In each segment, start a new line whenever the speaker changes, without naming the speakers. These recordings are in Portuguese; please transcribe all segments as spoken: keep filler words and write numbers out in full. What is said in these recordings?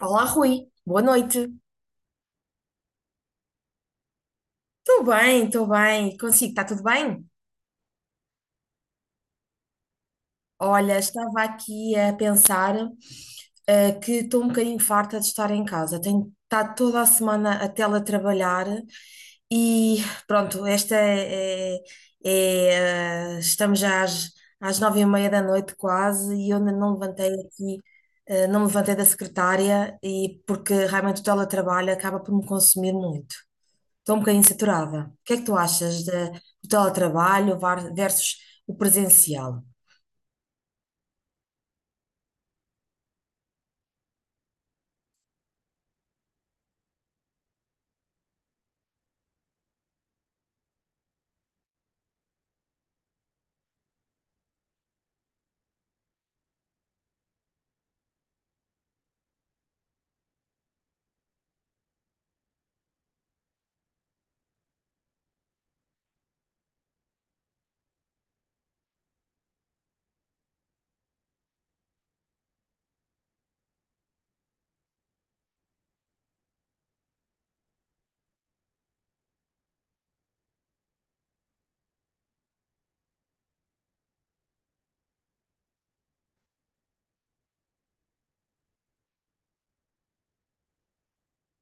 Olá, Rui. Boa noite. Estou bem, estou bem. Consigo, está tudo bem? Olha, estava aqui a pensar, eh, que estou um bocadinho farta de estar em casa. Tenho estado toda a semana a teletrabalhar e pronto, esta é, é- é, eh, estamos já às, às nove e meia da noite quase e eu ainda não levantei aqui, eh, não me levantei da secretária e porque realmente o teletrabalho acaba por me consumir muito. Estou um bocadinho saturada. O que é que tu achas de, do teletrabalho var- versus o presencial?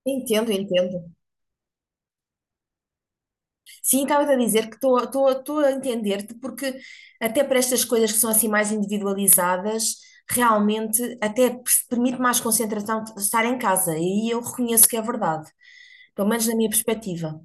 Entendo, entendo. Sim, estava-te a dizer que estou estou- estou a entender-te, porque até para estas coisas que são assim mais individualizadas, realmente até pers- permite mais concentração de estar em casa, e aí eu reconheço que é verdade, pelo menos na minha perspectiva.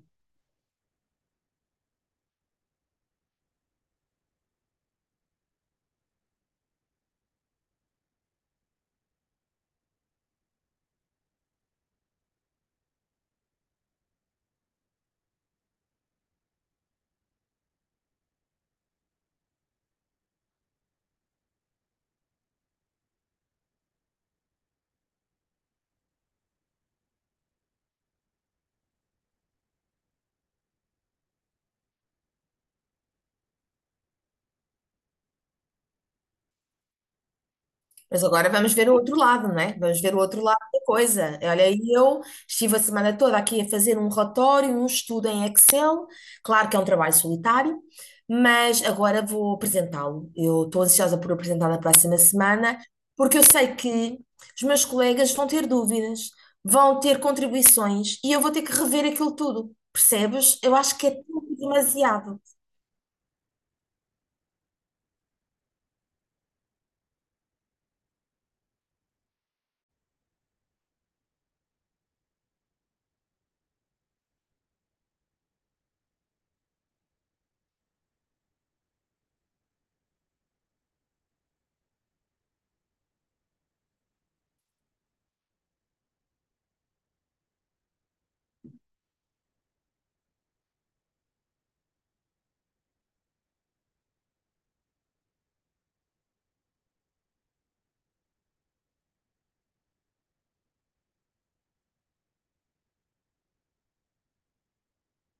Mas agora vamos ver o outro lado, não é? Vamos ver o outro lado da coisa. Olha, eu estive a semana toda aqui a fazer um relatório, um estudo em Excel. Claro que é um trabalho solitário, mas agora vou apresentá-lo. Eu estou ansiosa por apresentar na próxima semana, porque eu sei que os meus colegas vão ter dúvidas, vão ter contribuições e eu vou ter que rever aquilo tudo. Percebes? Eu acho que é tudo demasiado.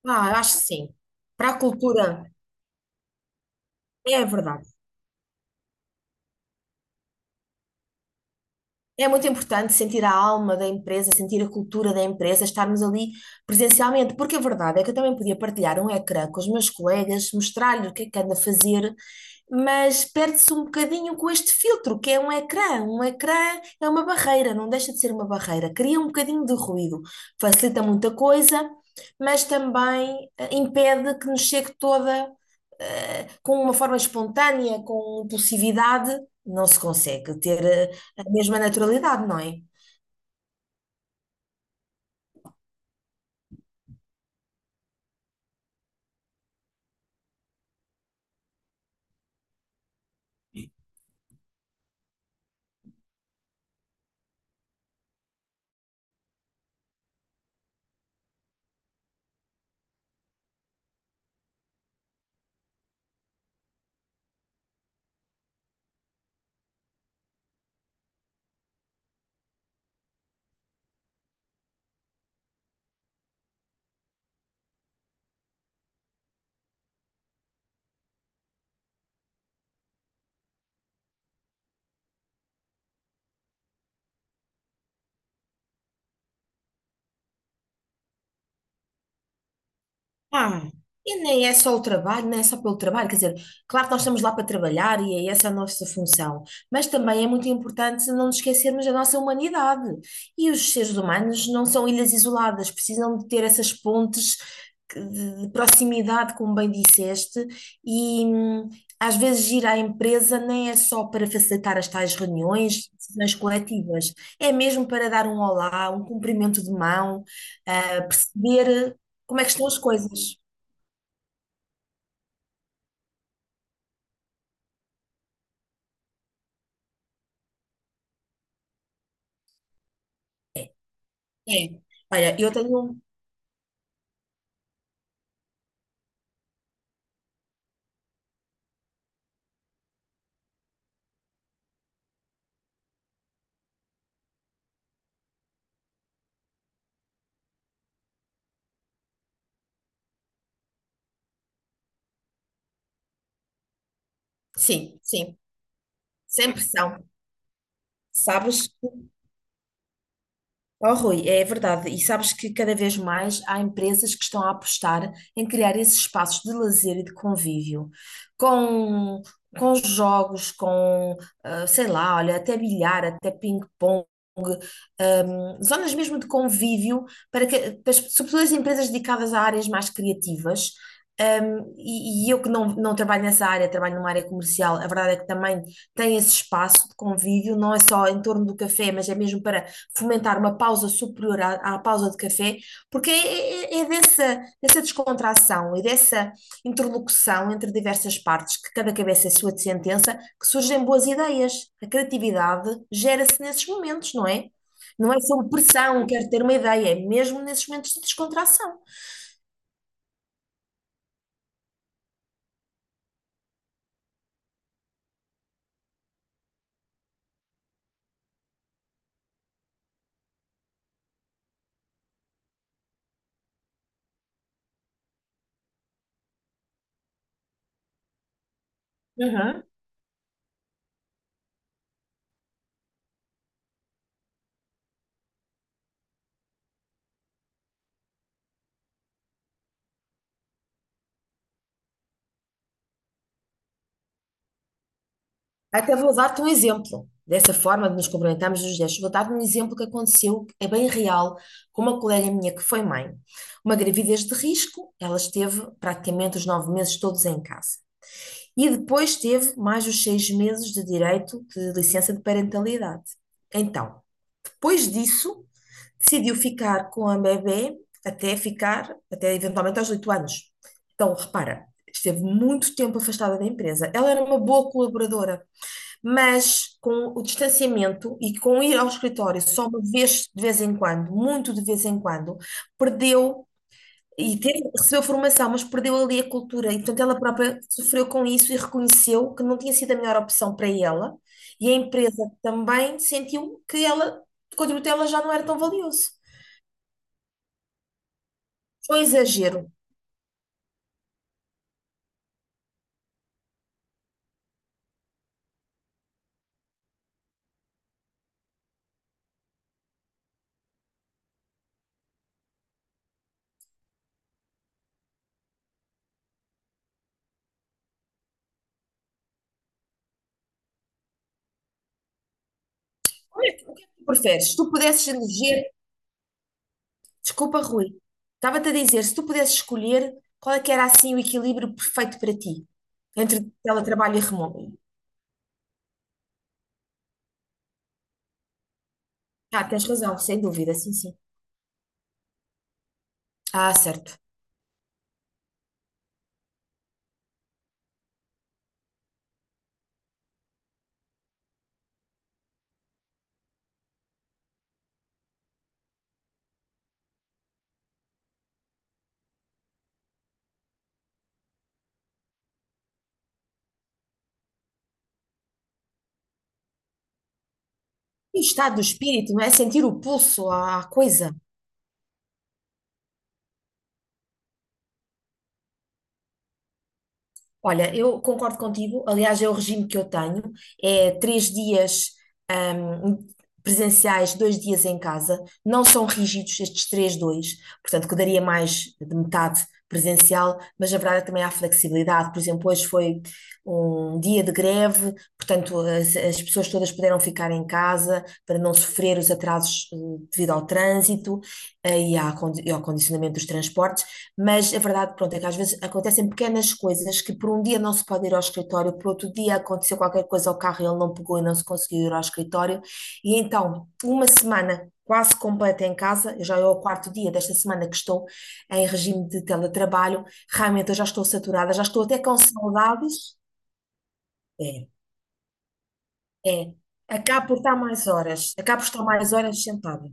Ah, eu acho que sim. Para a cultura, é verdade. É muito importante sentir a alma da empresa, sentir a cultura da empresa, estarmos ali presencialmente, porque a verdade é que eu também podia partilhar um ecrã com os meus colegas, mostrar-lhe o que é que ando a fazer, mas perde-se um bocadinho com este filtro, que é um ecrã. Um ecrã é uma barreira, não deixa de ser uma barreira, cria um bocadinho de ruído, facilita muita coisa, mas também eh, impede que nos chegue toda, eh, com uma forma espontânea, com impulsividade, não se consegue ter, eh, a mesma naturalidade, não é? Ah, e nem é só o trabalho, nem é só pelo trabalho, quer dizer, claro que nós estamos lá para trabalhar e é essa a nossa função, mas também é muito importante não nos esquecermos da nossa humanidade. E os seres humanos não são ilhas isoladas, precisam de ter essas pontes que- de de proximidade, como bem disseste, e hum, às vezes ir à empresa nem é só para facilitar as tais reuniões, decisões coletivas, é mesmo para dar um olá, um cumprimento de mão, ah, perceber. Como é que estão as coisas? É. Olha, eu tenho. um, Sim, sim. Sem pressão. Sabes? Oh, Rui, é verdade. E sabes que cada vez mais há empresas que estão a apostar em criar esses espaços de lazer e de convívio, com, com jogos, com, ah, sei lá, olha, até bilhar, até ping-pong, ahm, zonas mesmo de convívio, para que, para as- sobretudo as empresas dedicadas a áreas mais criativas. Ahm, e, e eu que não, não trabalho nessa área, trabalho numa área comercial, a verdade é que também tem esse espaço de convívio, não é só em torno do café, mas é mesmo para fomentar uma pausa superior à, à pausa de café, porque é, é- é é dessa, dessa, descontração e dessa interlocução entre diversas partes, que cada cabeça é sua de sentença, que surgem boas ideias. A criatividade gera-se nesses momentos, não é? Não é sob pressão, quero ter uma ideia, é mesmo nesses momentos de descontração. Uhum. Até vou dar-te um exemplo dessa forma de nos cumprimentarmos nos gestos. Vou dar-te um exemplo que aconteceu, que é bem real, com uma colega minha que foi mãe. Uma gravidez de risco, ela esteve praticamente os nove meses todos em casa. E depois teve mais os seis meses de direito de licença de parentalidade. Então, depois disso, decidiu ficar com a bebê até ficar, até eventualmente aos oito anos. Então, repara, esteve muito tempo afastada da empresa. Ela era uma boa colaboradora, mas com o distanciamento e com ir ao escritório só uma vez de vez em quando, muito de vez em quando, perdeu e teve, recebeu formação, mas perdeu ali a cultura. E, portanto, ela própria sofreu com isso e reconheceu que não tinha sido a melhor opção para ela. E a empresa também sentiu que ela, o contributo dela já não era tão valioso. Foi um exagero. Como é que- O que é que tu preferes? Se tu pudesses eleger. Desculpa, Rui. Estava-te a dizer, se tu pudesses escolher, qual é que era assim o equilíbrio perfeito para ti entre teletrabalho e remoto? Ah, tens razão, sem dúvida, sim, sim. Ah, certo. E o estado do espírito, não é? Sentir o pulso à à coisa. Olha, eu concordo contigo. Aliás, é o regime que eu tenho. É três dias, ahm, presenciais, dois dias em casa. Não são rígidos estes três, dois. Portanto, que daria mais de metade presencial, mas na verdade também há flexibilidade. Por exemplo, hoje foi um dia de greve, portanto, as, as pessoas todas puderam ficar em casa para não sofrer os atrasos, eh, devido ao trânsito, eh, e à condi- e ao condicionamento dos transportes. Mas a verdade, pronto, é que às vezes acontecem pequenas coisas que por um dia não se pode ir ao escritório, por outro dia aconteceu qualquer coisa ao carro e ele não pegou e não se conseguiu ir ao escritório. E então, uma semana quase completa em casa, eu já é o quarto dia desta semana que estou em regime de teletrabalho, realmente eu já estou saturada, já estou até com saudades. É, é. Acabo por estar mais horas, acabo por estar mais horas sentada.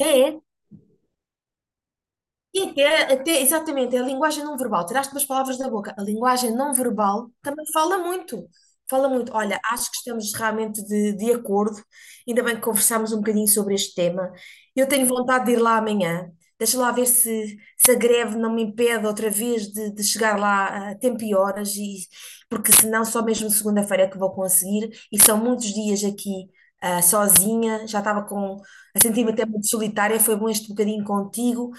É, é. E até, até, exatamente, é a linguagem não verbal. Tiraste umas palavras da boca. A linguagem não verbal também fala muito. Fala muito. Olha, acho que estamos realmente de, de acordo. Ainda bem que conversámos um bocadinho sobre este tema. Eu tenho vontade de ir lá amanhã. Deixa lá ver se, se a greve não me impede outra vez de, de chegar lá a tempo e horas, e, porque senão só mesmo segunda-feira é que vou conseguir. E são muitos dias aqui, ah, sozinha, já estava com, a sentir-me até muito solitária. Foi bom este bocadinho contigo.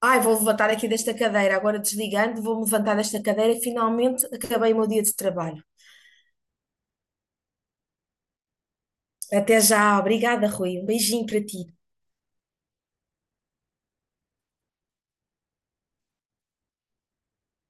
Ai, vou levantar aqui desta cadeira, agora desligando, vou-me levantar desta cadeira e finalmente acabei o meu dia de trabalho. Até já, obrigada, Rui. Um beijinho para ti.